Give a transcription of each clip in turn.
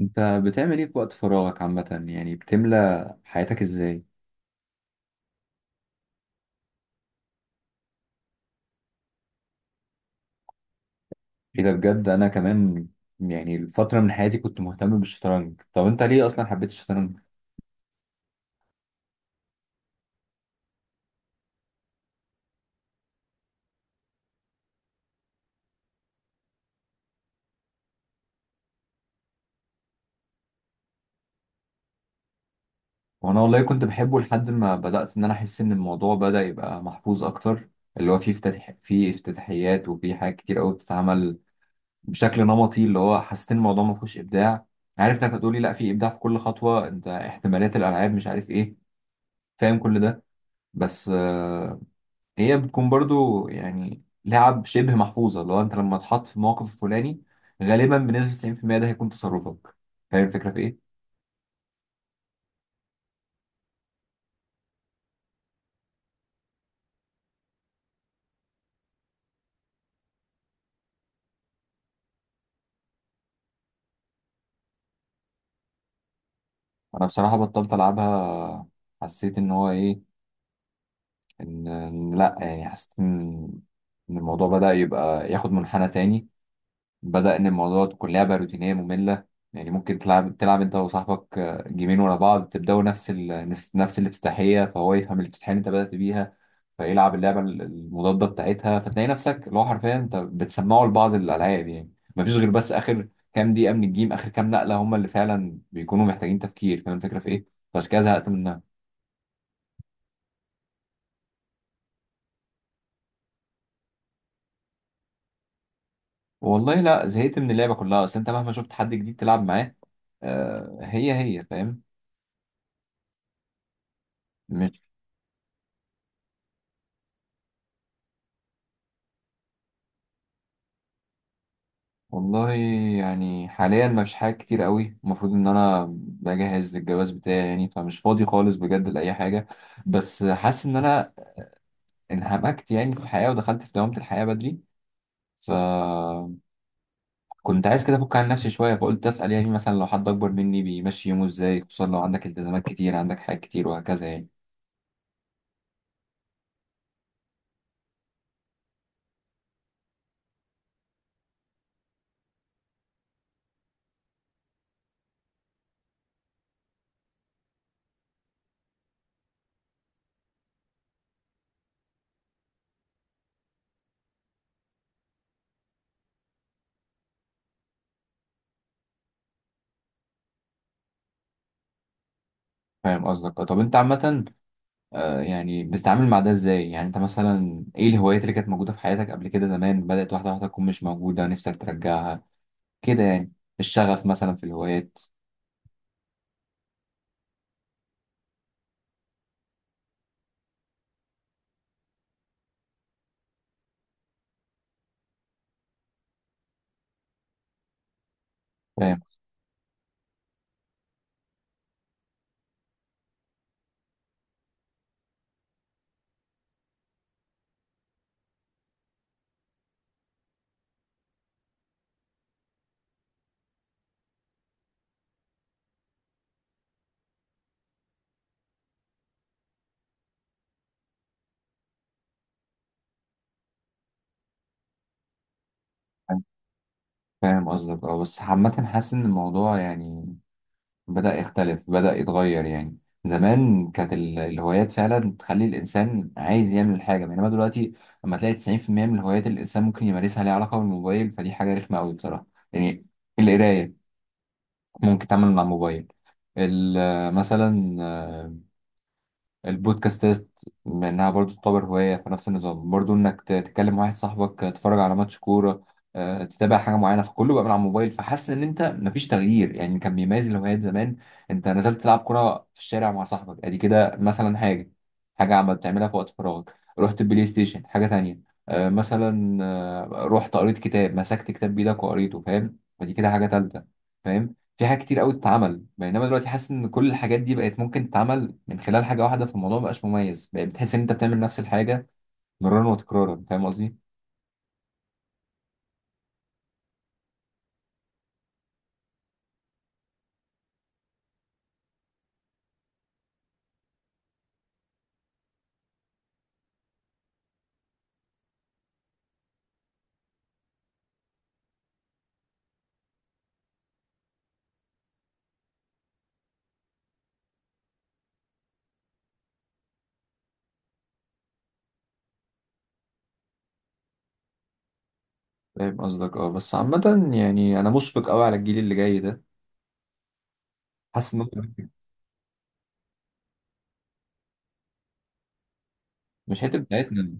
انت بتعمل ايه في وقت فراغك عامة، يعني بتملى حياتك ازاي؟ ايه ده بجد؟ انا كمان، يعني الفترة من حياتي كنت مهتم بالشطرنج. طب انت ليه اصلا حبيت الشطرنج؟ وانا والله كنت بحبه لحد ما بدأت ان انا احس ان الموضوع بدأ يبقى محفوظ اكتر، اللي هو فيه فيه افتتاحيات وفيه حاجات كتير قوي بتتعمل بشكل نمطي. اللي هو حسيت ان الموضوع ما فيهوش ابداع. عارف انك هتقولي لا، في ابداع في كل خطوة، انت احتمالات الالعاب مش عارف ايه، فاهم كل ده. بس هي بتكون برضو يعني لعب شبه محفوظة، لو انت لما تحط في موقف الفلاني غالبا بنسبة 90% ده هيكون تصرفك. فاهم الفكرة في ايه؟ انا بصراحة بطلت العبها. حسيت ان هو ايه، إن لا، يعني حسيت إن الموضوع بدأ يبقى ياخد منحنى تاني. بدأ إن الموضوع تكون لعبة روتينية مملة. يعني ممكن تلعب أنت وصاحبك، آه، جيمين ورا بعض، تبدأوا نفس ال... نفس نفس الافتتاحية، فهو يفهم الافتتاحية اللي أنت بدأت بيها فيلعب اللعبة المضادة بتاعتها، فتلاقي نفسك اللي هو حرفيا أنت بتسمعه لبعض الألعاب. يعني مفيش غير بس آخر كام دقيقة من الجيم، آخر كام نقلة هم اللي فعلا بيكونوا محتاجين تفكير. فاهم الفكرة في إيه؟ فعشان كده زهقت منها. والله لا، زهقت من اللعبة كلها، أصل أنت مهما شفت حد جديد تلعب معاه، آه، هي هي، فاهم. والله يعني حاليا مفيش حاجة كتير قوي، المفروض ان انا بجهز للجواز بتاعي، يعني فمش فاضي خالص بجد لأي حاجة. بس حاسس ان انا انهمكت يعني في الحياة ودخلت في دوامة الحياة بدري، فكنت عايز كده افك عن نفسي شوية، فقلت اسأل، يعني مثلا لو حد اكبر مني بيمشي يومه ازاي، خصوصا لو عندك التزامات كتير، عندك حاجات كتير وهكذا يعني. فاهم قصدك. طب انت عامة، آه، يعني بتتعامل مع ده ازاي؟ يعني انت مثلا ايه الهوايات اللي كانت موجودة في حياتك قبل كده، زمان بدأت واحدة واحدة تكون مش موجودة، نفسك ترجعها كده يعني، الشغف مثلا في الهوايات. فاهم. فاهم قصدك. اه، بس عامة حاسس إن الموضوع يعني بدأ يختلف، بدأ يتغير يعني. زمان كانت الهوايات فعلا تخلي الإنسان عايز يعمل حاجة، بينما دلوقتي لما تلاقي 90% من الهوايات اللي الإنسان ممكن يمارسها ليها علاقة بالموبايل، فدي حاجة رخمة أوي بصراحة. يعني القراية ممكن تعمل من على الموبايل، مثلا البودكاستات انها برضو تعتبر هواية في نفس النظام، برضو انك تكلم واحد صاحبك، تتفرج على ماتش كورة، آه، تتابع حاجة معينة، فكله بقى من على الموبايل. فحاسس ان انت مفيش تغيير يعني كان بيميز الهوايات زمان. انت نزلت تلعب كورة في الشارع مع صاحبك، ادي كده مثلا حاجة عم بتعملها في وقت فراغك، رحت البلاي ستيشن، حاجة تانية، آه، مثلا، آه، رحت قريت كتاب، مسكت كتاب بإيدك وقريته، فاهم، ودي كده حاجة تالتة، فاهم. في حاجات كتير قوي تتعمل، بينما دلوقتي حاسس ان كل الحاجات دي بقت ممكن تتعمل من خلال حاجه واحده، فالموضوع مبقاش مميز، بقى بتحس ان انت بتعمل نفس الحاجه مرارا وتكرارا، فاهم قصدي. فاهم قصدك. اه، بس عامه يعني انا مشفق قوي على الجيل اللي جاي ده، حاسس ان هم مش حته بتاعتنا،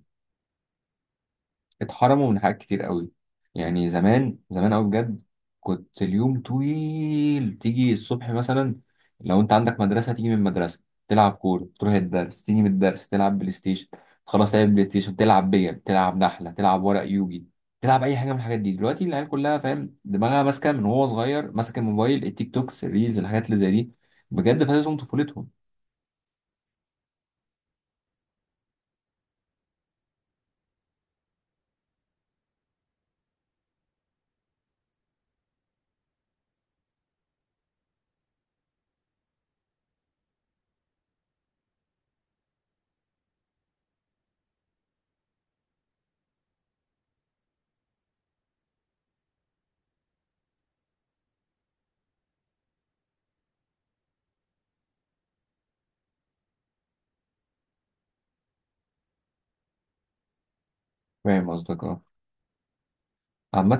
اتحرموا من حاجات كتير قوي. يعني زمان زمان قوي بجد، كنت اليوم طويل، تيجي الصبح مثلا، لو انت عندك مدرسة تيجي من المدرسة تلعب كورة، تروح الدرس تيجي من الدرس تلعب بلاي ستيشن، خلاص تلعب بلاي ستيشن، تلعب بيل، تلعب نحلة، تلعب ورق يوجي، تلعب اي حاجة من الحاجات دي. دلوقتي العيال كلها فاهم دماغها ماسكة من وهو صغير ماسك الموبايل، التيك توكس، الريلز، الحاجات اللي زي دي، بجد فاتتهم طفولتهم. فاهم قصدك. اه، عامة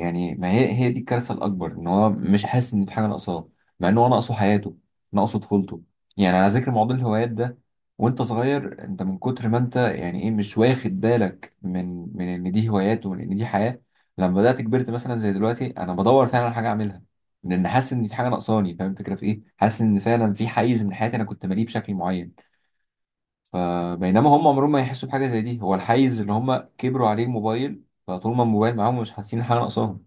يعني ما هي، هي دي الكارثة الأكبر، إن هو مش حاسس إن في حاجة ناقصاه، مع إن هو ناقصه حياته، ناقصه طفولته. يعني على ذكر موضوع الهوايات ده، وأنت صغير أنت من كتر ما أنت يعني إيه، مش واخد بالك من إن دي هوايات ومن إن دي حياة. لما بدأت كبرت مثلا زي دلوقتي أنا بدور فعلا على حاجة أعملها، لأن حاسس إن في حاجة ناقصاني، فاهم الفكرة في إيه؟ حاسس إن فعلا في حيز من حياتي أنا كنت ماليه بشكل معين، فبينما هم عمرهم ما يحسوا بحاجه زي دي، هو الحيز اللي هم كبروا عليه الموبايل، فطول ما الموبايل معاهم مش حاسين حاجه ناقصاهم.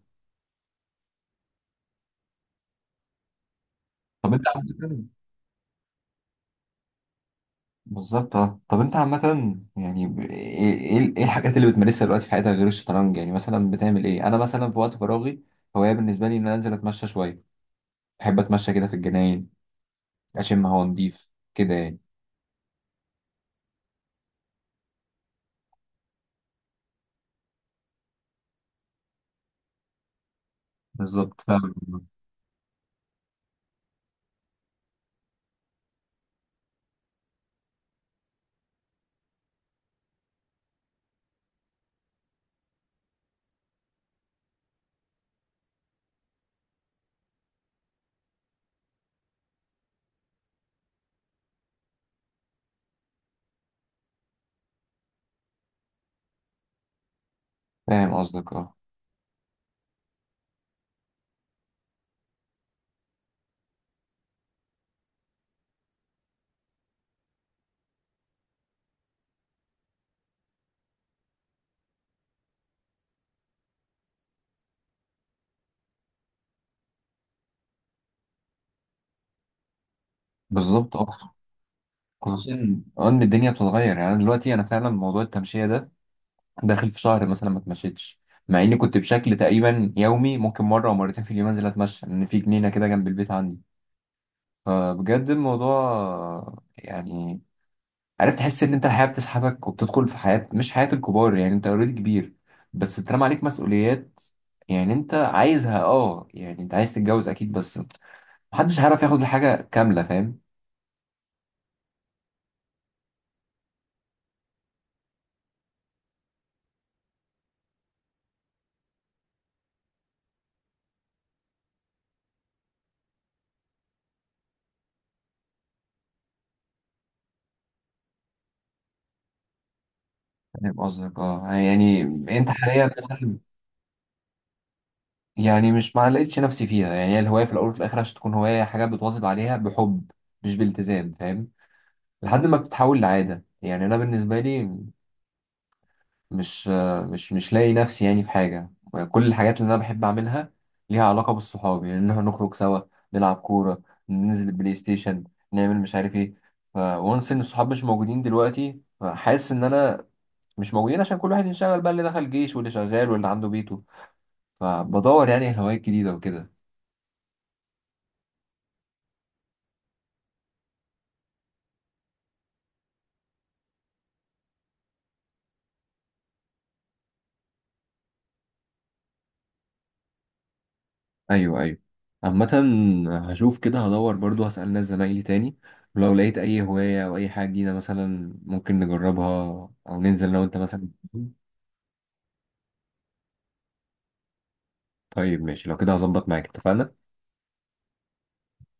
طب انت عامه. بالظبط. اه، طب انت عامه يعني ب- ايه ايه إيه الحاجات اللي بتمارسها دلوقتي في حياتك غير الشطرنج؟ يعني مثلا بتعمل ايه؟ انا مثلا في وقت فراغي هوايه بالنسبه لي ان انا انزل اتمشى شويه، بحب اتمشى كده في الجناين، اشم هوا نضيف كده يعني. بالظبط، فاهم. فاهم قصدك. اه، بالظبط. اه، خصوصا ان الدنيا بتتغير، يعني أنا دلوقتي انا فعلا موضوع التمشيه ده داخل في شهر مثلا ما اتمشيتش، مع اني كنت بشكل تقريبا يومي ممكن مره او مرتين في اليوم انزل اتمشى، لان في جنينه كده جنب البيت عندي. فبجد الموضوع يعني، عرفت تحس ان انت الحياه بتسحبك وبتدخل في حياه مش حياه الكبار، يعني انت اوريدي كبير، بس اترمى عليك مسؤوليات، يعني انت عايزها، اه، يعني انت عايز تتجوز اكيد، بس محدش هيعرف ياخد الحاجه كامله، فاهم. فاهم قصدك. اه، يعني انت حاليا مثلا، يعني مش، ما لقيتش نفسي فيها، يعني هي الهواية في الأول وفي الآخر عشان تكون هواية حاجة بتواظب عليها بحب مش بالتزام، فاهم، لحد ما بتتحول لعادة. يعني أنا بالنسبة لي مش مش لاقي نفسي يعني في حاجة. كل الحاجات اللي أنا بحب أعملها ليها علاقة بالصحاب، يعني إن إحنا نخرج سوا نلعب كورة، ننزل البلاي ستيشن، نعمل مش عارف إيه. فونس إن الصحاب مش موجودين دلوقتي، فحاسس إن أنا مش موجودين عشان كل واحد انشغل بقى، اللي دخل جيش واللي شغال واللي عنده بيته، فبدور يعني هوايات جديدة وكده. ايوه، ايوه، عامة هشوف كده، هدور برضو هسأل ناس زمايلي تاني، ولو لقيت اي هواية او اي حاجة جديدة مثلا ممكن نجربها، او ننزل لو انت مثلا. طيب ماشي، لو كده هظبط معاك، اتفقنا.